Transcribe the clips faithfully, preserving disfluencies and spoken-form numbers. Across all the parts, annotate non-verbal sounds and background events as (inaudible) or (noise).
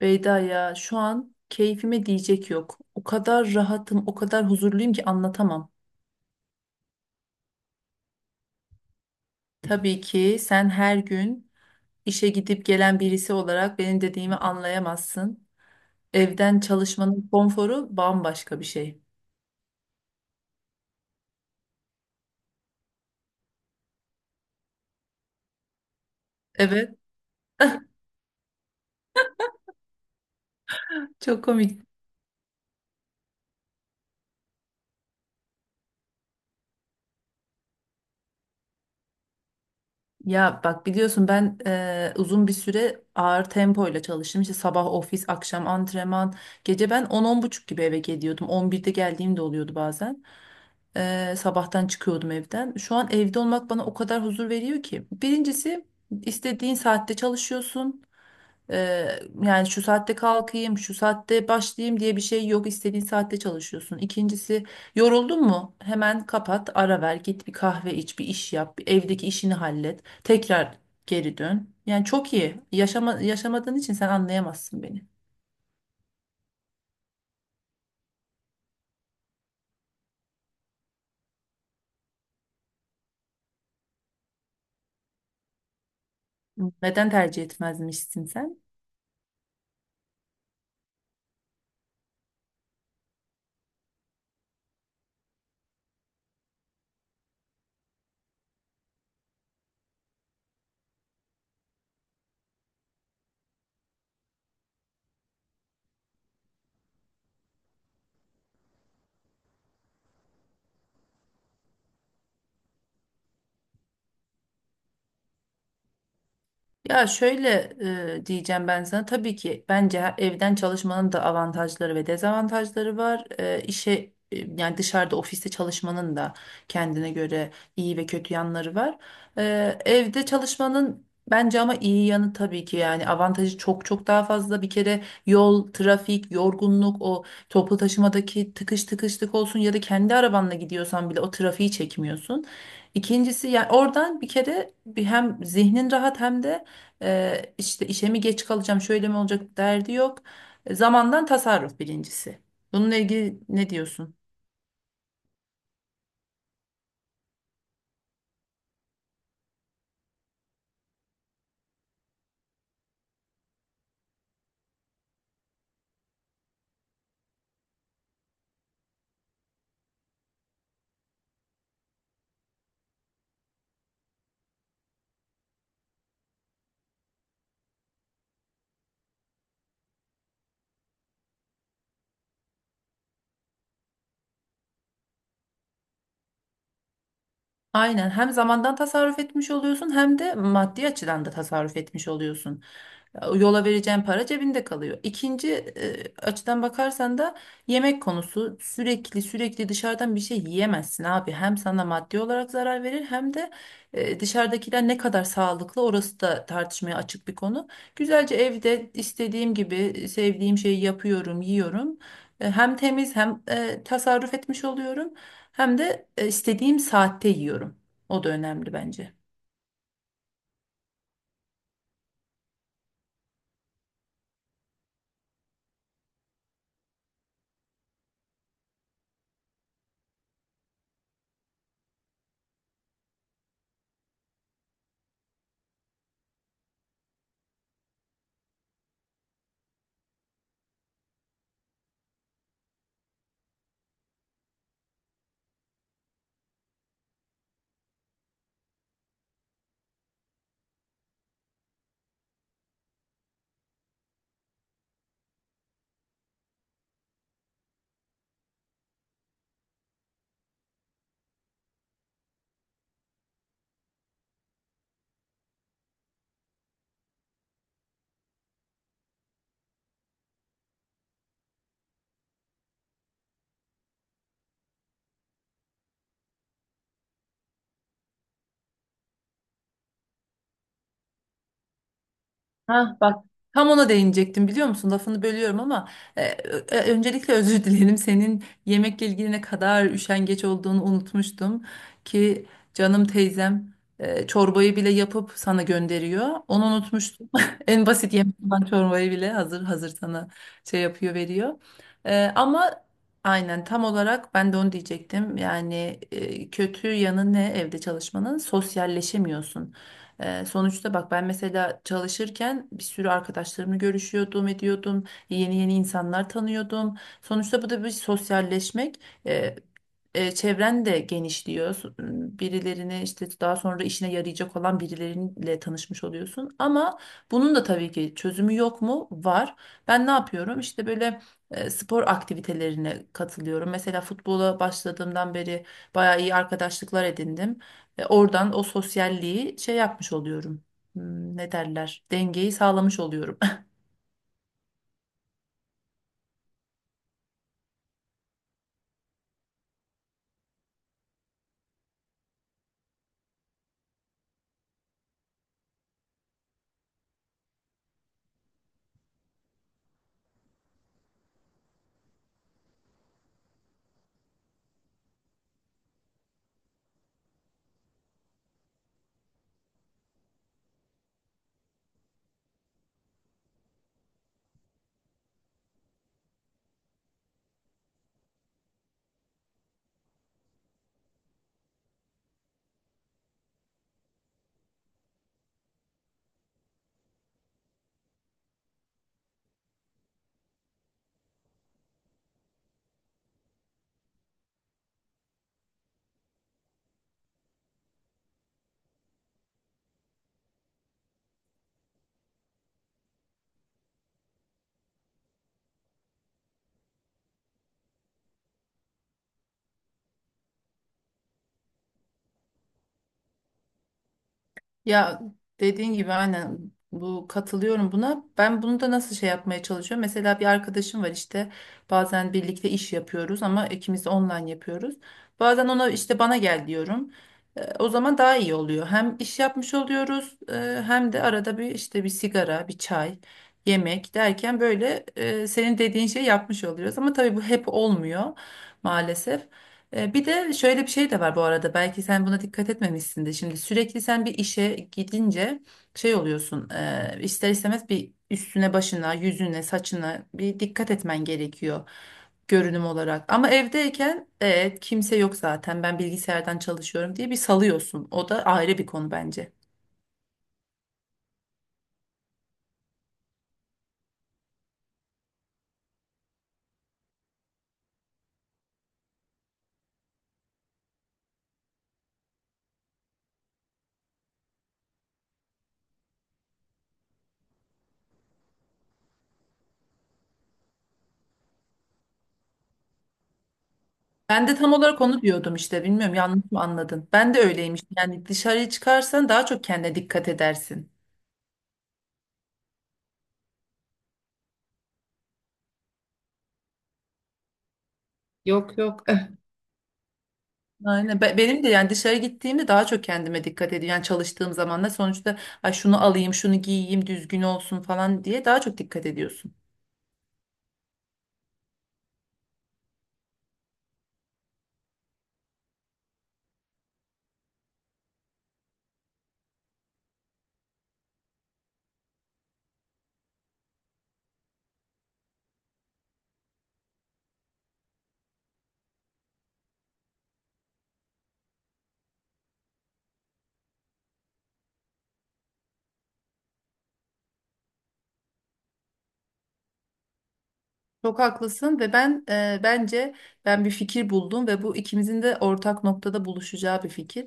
Beyda ya şu an keyfime diyecek yok. O kadar rahatım, o kadar huzurluyum ki anlatamam. Tabii ki sen her gün işe gidip gelen birisi olarak benim dediğimi anlayamazsın. Evden çalışmanın konforu bambaşka bir şey. Evet, çok komik. Ya bak biliyorsun ben eee, uzun bir süre ağır tempoyla çalıştım. İşte sabah ofis, akşam antrenman. Gece ben on buçuk gibi eve geliyordum. on birde geldiğim de oluyordu bazen. Eee, sabahtan çıkıyordum evden. Şu an evde olmak bana o kadar huzur veriyor ki. Birincisi istediğin saatte çalışıyorsun. Eee, yani şu saatte kalkayım, şu saatte başlayayım diye bir şey yok. İstediğin saatte çalışıyorsun. İkincisi, yoruldun mu? Hemen kapat, ara ver, git bir kahve iç, bir iş yap, bir evdeki işini hallet. Tekrar geri dön. Yani çok iyi. Yaşama, yaşamadığın için sen anlayamazsın beni. Neden tercih etmezmişsin sen? Ya şöyle e, diyeceğim ben sana. Tabii ki bence her- evden çalışmanın da avantajları ve dezavantajları var. E, işe e, yani dışarıda ofiste çalışmanın da kendine göre iyi ve kötü yanları var. E, evde çalışmanın bence ama iyi yanı tabii ki yani avantajı çok çok daha fazla. Bir kere yol, trafik, yorgunluk, o toplu taşımadaki tıkış tıkışlık olsun ya da kendi arabanla gidiyorsan bile o trafiği çekmiyorsun. İkincisi yani oradan bir kere bir hem zihnin rahat hem de ee, işte işe mi geç kalacağım, şöyle mi olacak derdi yok. E, Zamandan tasarruf birincisi. Bununla ilgili ne diyorsun? Aynen hem zamandan tasarruf etmiş oluyorsun hem de maddi açıdan da tasarruf etmiş oluyorsun. Yola vereceğin para cebinde kalıyor. İkinci e, açıdan bakarsan da yemek konusu sürekli sürekli dışarıdan bir şey yiyemezsin abi. Hem sana maddi olarak zarar verir hem de e, dışarıdakiler ne kadar sağlıklı orası da tartışmaya açık bir konu. Güzelce evde istediğim gibi sevdiğim şeyi yapıyorum, yiyorum. E, Hem temiz hem e, tasarruf etmiş oluyorum hem de e, istediğim saatte yiyorum. O da önemli bence. Ha bak tam ona değinecektim biliyor musun? Lafını bölüyorum ama e, ö- ö- öncelikle (laughs) özür dilerim. Senin yemekle ilgili ne kadar üşengeç olduğunu unutmuştum ki canım teyzem e, çorbayı bile yapıp sana gönderiyor. Onu unutmuştum. (laughs) En basit yemek olan çorbayı bile hazır hazır sana şey yapıyor veriyor. E, ama aynen tam olarak ben de onu diyecektim. Yani e, kötü yanı ne evde çalışmanın? Sosyalleşemiyorsun. Ee, sonuçta bak ben mesela çalışırken bir sürü arkadaşlarımla görüşüyordum, ediyordum. Yeni yeni insanlar tanıyordum. Sonuçta bu da bir sosyalleşmek. Ee, e, Çevren de genişliyor. So- Birilerine işte daha sonra işine yarayacak olan birileriyle tanışmış oluyorsun. Ama bunun da tabii ki çözümü yok mu? Var. Ben ne yapıyorum? İşte böyle e, spor aktivitelerine katılıyorum. Mesela futbola başladığımdan beri bayağı iyi arkadaşlıklar edindim. E, Oradan o sosyalliği şey yapmış oluyorum. Hmm. Ne derler? Dengeyi sağlamış oluyorum. (laughs) Ya dediğin gibi aynen bu katılıyorum buna. Ben bunu da nasıl şey yapmaya çalışıyorum? Mesela bir arkadaşım var işte bazen birlikte iş yapıyoruz ama ikimiz de online yapıyoruz. Bazen ona işte bana gel diyorum. E, O zaman daha iyi oluyor. Hem iş yapmış oluyoruz e, hem de arada bir işte bir sigara, bir çay, yemek derken böyle e, senin dediğin şeyi yapmış oluyoruz. Ama tabii bu hep olmuyor maalesef. E, Bir de şöyle bir şey de var bu arada, belki sen buna dikkat etmemişsin de. Şimdi sürekli sen bir işe gidince şey oluyorsun, e, ister istemez bir üstüne başına yüzüne saçına bir dikkat etmen gerekiyor görünüm olarak. Ama evdeyken evet kimse yok zaten, ben bilgisayardan çalışıyorum diye bir salıyorsun, o da ayrı bir konu bence. Ben de tam olarak onu diyordum işte, bilmiyorum yanlış mı anladın? Ben de öyleymiş, yani dışarıya çıkarsan daha çok kendine dikkat edersin. Yok, yok. Aynen. Be- Benim de yani dışarı gittiğimde daha çok kendime dikkat ediyorum. Yani çalıştığım zaman da sonuçta ay şunu alayım, şunu giyeyim, düzgün olsun falan diye daha çok dikkat ediyorsun. Çok haklısın ve ben e, bence ben bir fikir buldum ve bu ikimizin de ortak noktada buluşacağı bir fikir.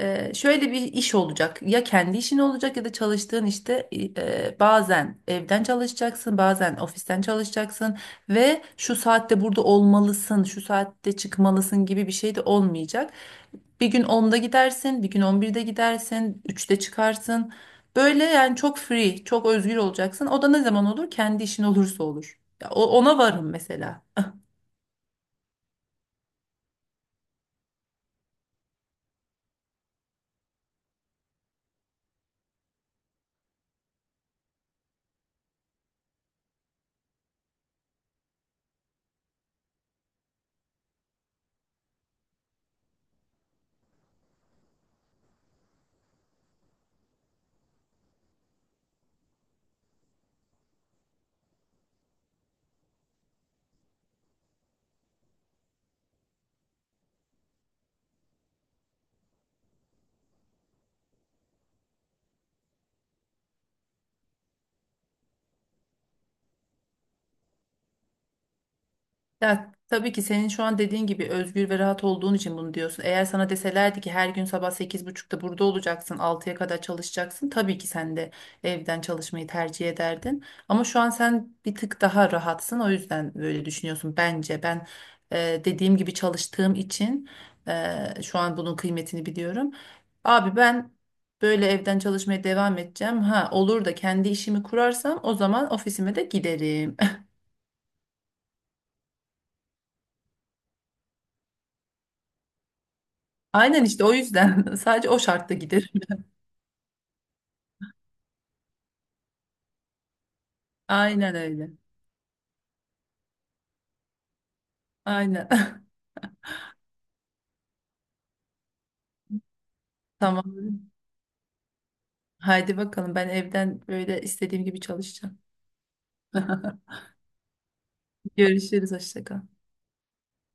E, şöyle bir iş olacak. Ya kendi işin olacak ya da çalıştığın işte e, bazen evden çalışacaksın, bazen ofisten çalışacaksın ve şu saatte burada olmalısın, şu saatte çıkmalısın gibi bir şey de olmayacak. Bir gün onda gidersin, bir gün on birde gidersin, üçte çıkarsın. Böyle yani çok free, çok özgür olacaksın. O da ne zaman olur? Kendi işin olursa olur. Ya, o- ona varım mesela. Ya tabii ki senin şu an dediğin gibi özgür ve rahat olduğun için bunu diyorsun. Eğer sana deselerdi ki her gün sabah sekiz buçukta burada olacaksın, altıya kadar çalışacaksın. Tabii ki sen de evden çalışmayı tercih ederdin. Ama şu an sen bir tık daha rahatsın. O yüzden böyle düşünüyorsun bence. Ben e, dediğim gibi çalıştığım için e, şu an bunun kıymetini biliyorum. Abi ben böyle evden çalışmaya devam edeceğim. Ha olur da kendi işimi kurarsam o zaman ofisime de giderim. Aynen işte o yüzden (laughs) sadece o şartta giderim. Aynen öyle. Aynen. (laughs) Tamam. Haydi bakalım ben evden böyle istediğim gibi çalışacağım. (laughs) Görüşürüz. Hoşça kal.